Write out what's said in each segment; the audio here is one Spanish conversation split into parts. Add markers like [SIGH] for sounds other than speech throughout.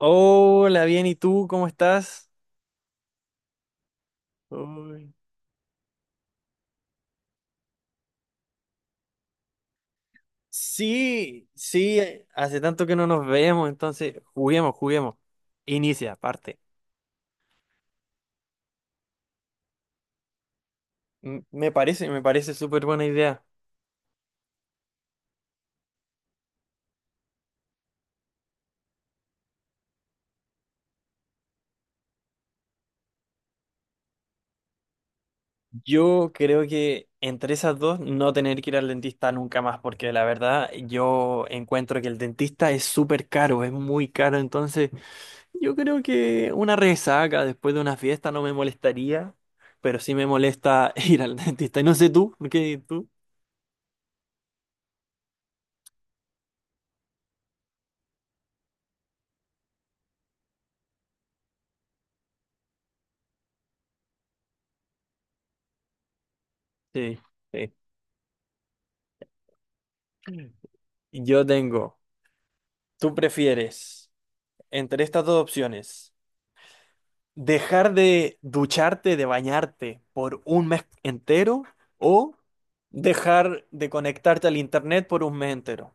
Hola, bien, ¿y tú cómo estás? Uy. Sí, sí, hace tanto que no nos vemos, entonces juguemos, juguemos. Inicia, parte. Me parece súper buena idea. Yo creo que entre esas dos no tener que ir al dentista nunca más, porque la verdad yo encuentro que el dentista es súper caro, es muy caro, entonces yo creo que una resaca después de una fiesta no me molestaría, pero sí me molesta [LAUGHS] ir al dentista. Y no sé tú, ¿qué tú? Sí, sí. Yo tengo, tú prefieres entre estas dos opciones, dejar de ducharte, de bañarte por un mes entero o dejar de conectarte al internet por un mes entero.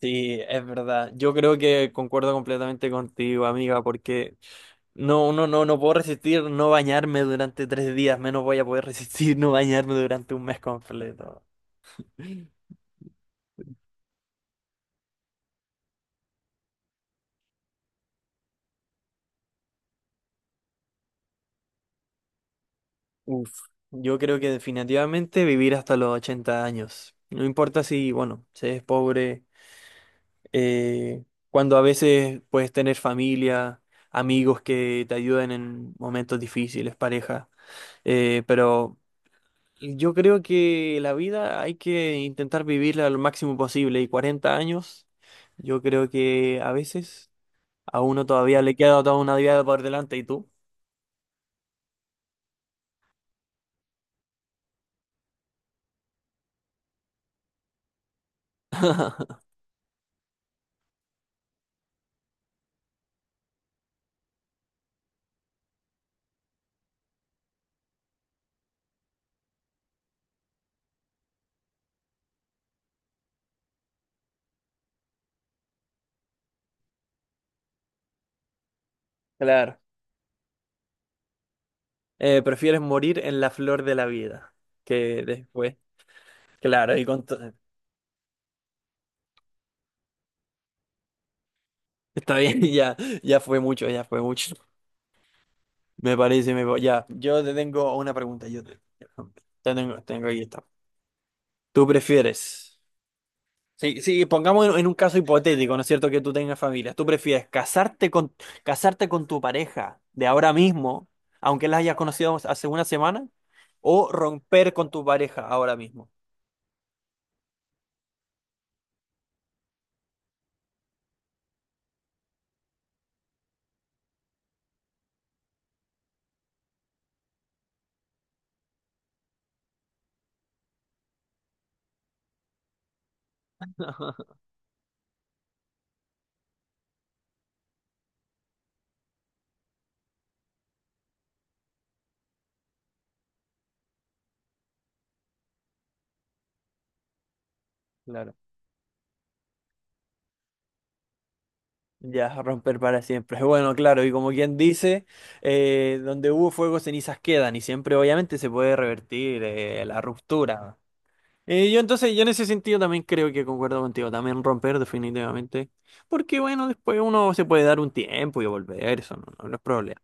Sí, es verdad. Yo creo que concuerdo completamente contigo, amiga, porque no, no, no, no puedo resistir no bañarme durante 3 días, menos voy a poder [LAUGHS] resistir no bañarme durante un mes completo. Uf, yo creo que definitivamente vivir hasta los 80 años. No importa si, bueno, se es pobre, eh, cuando a veces puedes tener familia, amigos que te ayuden en momentos difíciles, pareja. Pero yo creo que la vida hay que intentar vivirla lo máximo posible. Y 40 años, yo creo que a veces a uno todavía le queda toda una vida por delante. ¿Y tú? [LAUGHS] Claro. Prefieres morir en la flor de la vida que después. Claro, y con to- Está bien, [LAUGHS] ya, ya fue mucho, ya fue mucho. Me parece, me... pa- ya. Yo te tengo una pregunta. Yo tengo aquí esta. ¿Tú prefieres? Sí, sí, pongamos en un caso hipotético, ¿no es cierto? Que tú tengas familia. ¿Tú prefieres casarte con tu pareja de ahora mismo, aunque la hayas conocido hace una semana, o romper con tu pareja ahora mismo? Claro. Ya, romper para siempre. [LAUGHS] Bueno, claro, y como quien dice, donde hubo fuego, cenizas quedan, y siempre obviamente se puede revertir la ruptura. Yo en ese sentido también creo que concuerdo contigo, también romper definitivamente, porque bueno, después uno se puede dar un tiempo y volver, eso no, no, no es problema.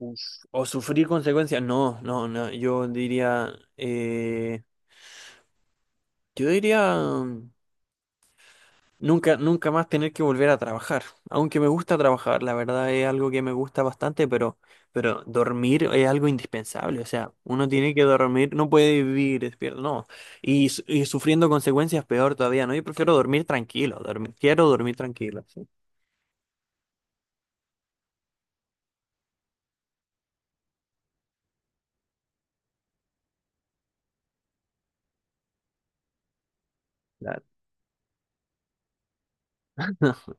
Uf, o sufrir consecuencias, no, no, no, eh, yo diría... Nunca más tener que volver a trabajar. Aunque me gusta trabajar, la verdad es algo que me gusta bastante, pero, dormir es algo indispensable. O sea, uno tiene que dormir, no puede vivir despierto, no. Y sufriendo consecuencias peor todavía, ¿no? Yo prefiero dormir tranquilo, dormir, quiero dormir tranquilo, sí, claro. [LAUGHS]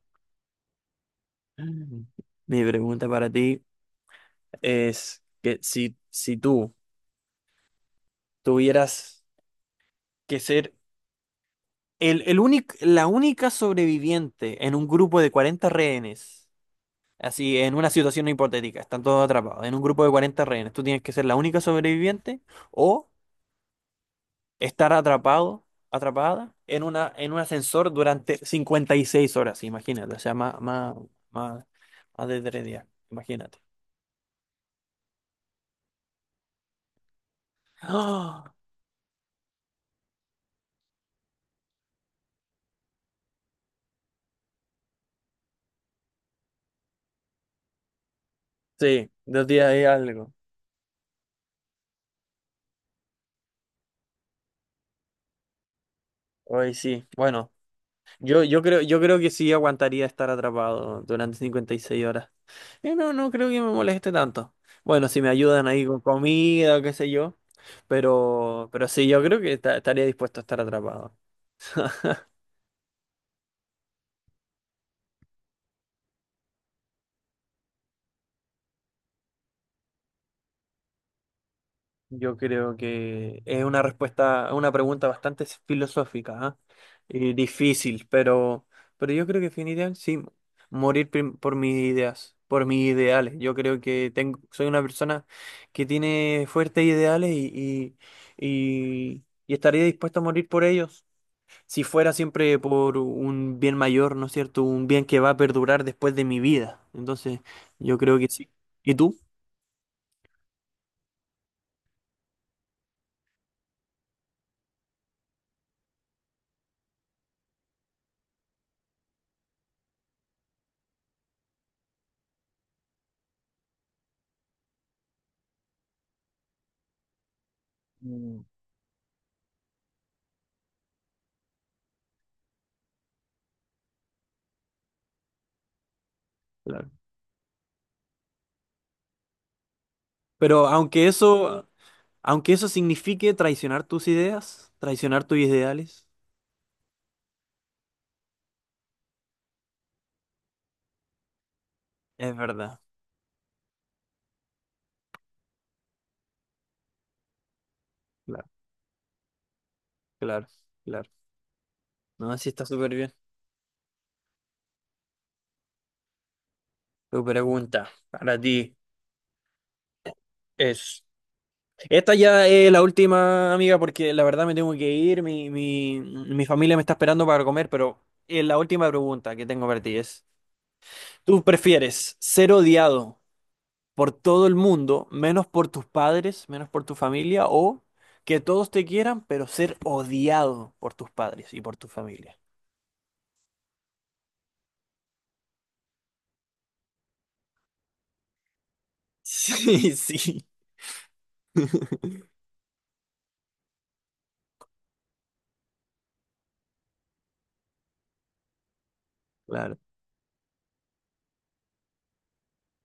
Mi pregunta para ti es que si tú tuvieras que ser la única sobreviviente en un grupo de 40 rehenes, así, en una situación hipotética, están todos atrapados. En un grupo de 40 rehenes, tú tienes que ser la única sobreviviente o estar atrapado, atrapada en un ascensor durante 56 horas, imagínate. O sea, más, más de 3 días, imagínate. ¡Ah! Sí, 2 días y algo. Hoy sí. Bueno, yo creo que sí aguantaría estar atrapado durante 56 horas. No, no creo que me moleste tanto. Bueno, si me ayudan ahí con comida qué sé yo. Pero sí, yo creo que estaría dispuesto a estar atrapado. Yo creo que es una respuesta, una pregunta bastante filosófica, ¿ah? Y difícil, pero yo creo que definitivamente sí, morir por mis ideas, por mis ideales. Yo creo que tengo, soy una persona que tiene fuertes ideales y estaría dispuesto a morir por ellos. Si fuera siempre por un bien mayor, ¿no es cierto? Un bien que va a perdurar después de mi vida. Entonces, yo creo que sí. ¿Y tú? Mm. Claro. Pero aunque eso signifique traicionar tus ideas, traicionar tus ideales, es verdad. Claro, claro, claro. No, sí está súper bien. Tu pregunta para ti es... Esta ya es la última, amiga, porque la verdad me tengo que ir, mi familia me está esperando para comer, pero la última pregunta que tengo para ti es... ¿Tú prefieres ser odiado por todo el mundo, menos por tus padres, menos por tu familia, o que todos te quieran, pero ser odiado por tus padres y por tu familia? [LAUGHS] Sí, sí, claro,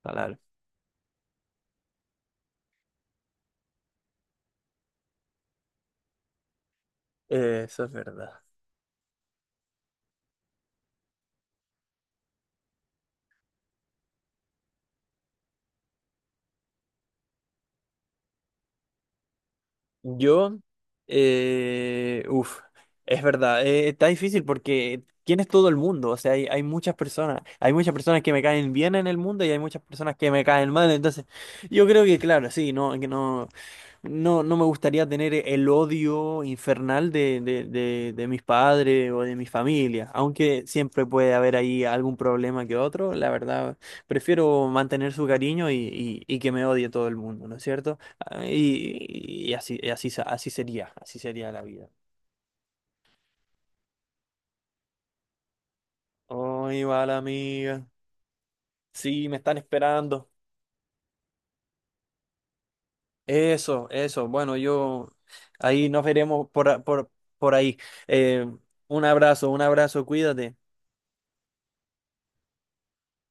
claro. Eso es verdad. Yo, eh, uf, es verdad, está difícil porque ¿quién es todo el mundo? O sea, hay, hay muchas personas que me caen bien en el mundo y hay muchas personas que me caen mal, entonces yo creo que, claro, sí, no, que no. No, no me gustaría tener el odio infernal de mis padres o de mi familia, aunque siempre puede haber ahí algún problema que otro, la verdad, prefiero mantener su cariño y que me odie todo el mundo, ¿no es cierto? Ah, así sería la vida. Hoy va la amiga, sí, me están esperando. Eso, bueno, yo ahí nos veremos por ahí. Eh, un abrazo, un abrazo, cuídate.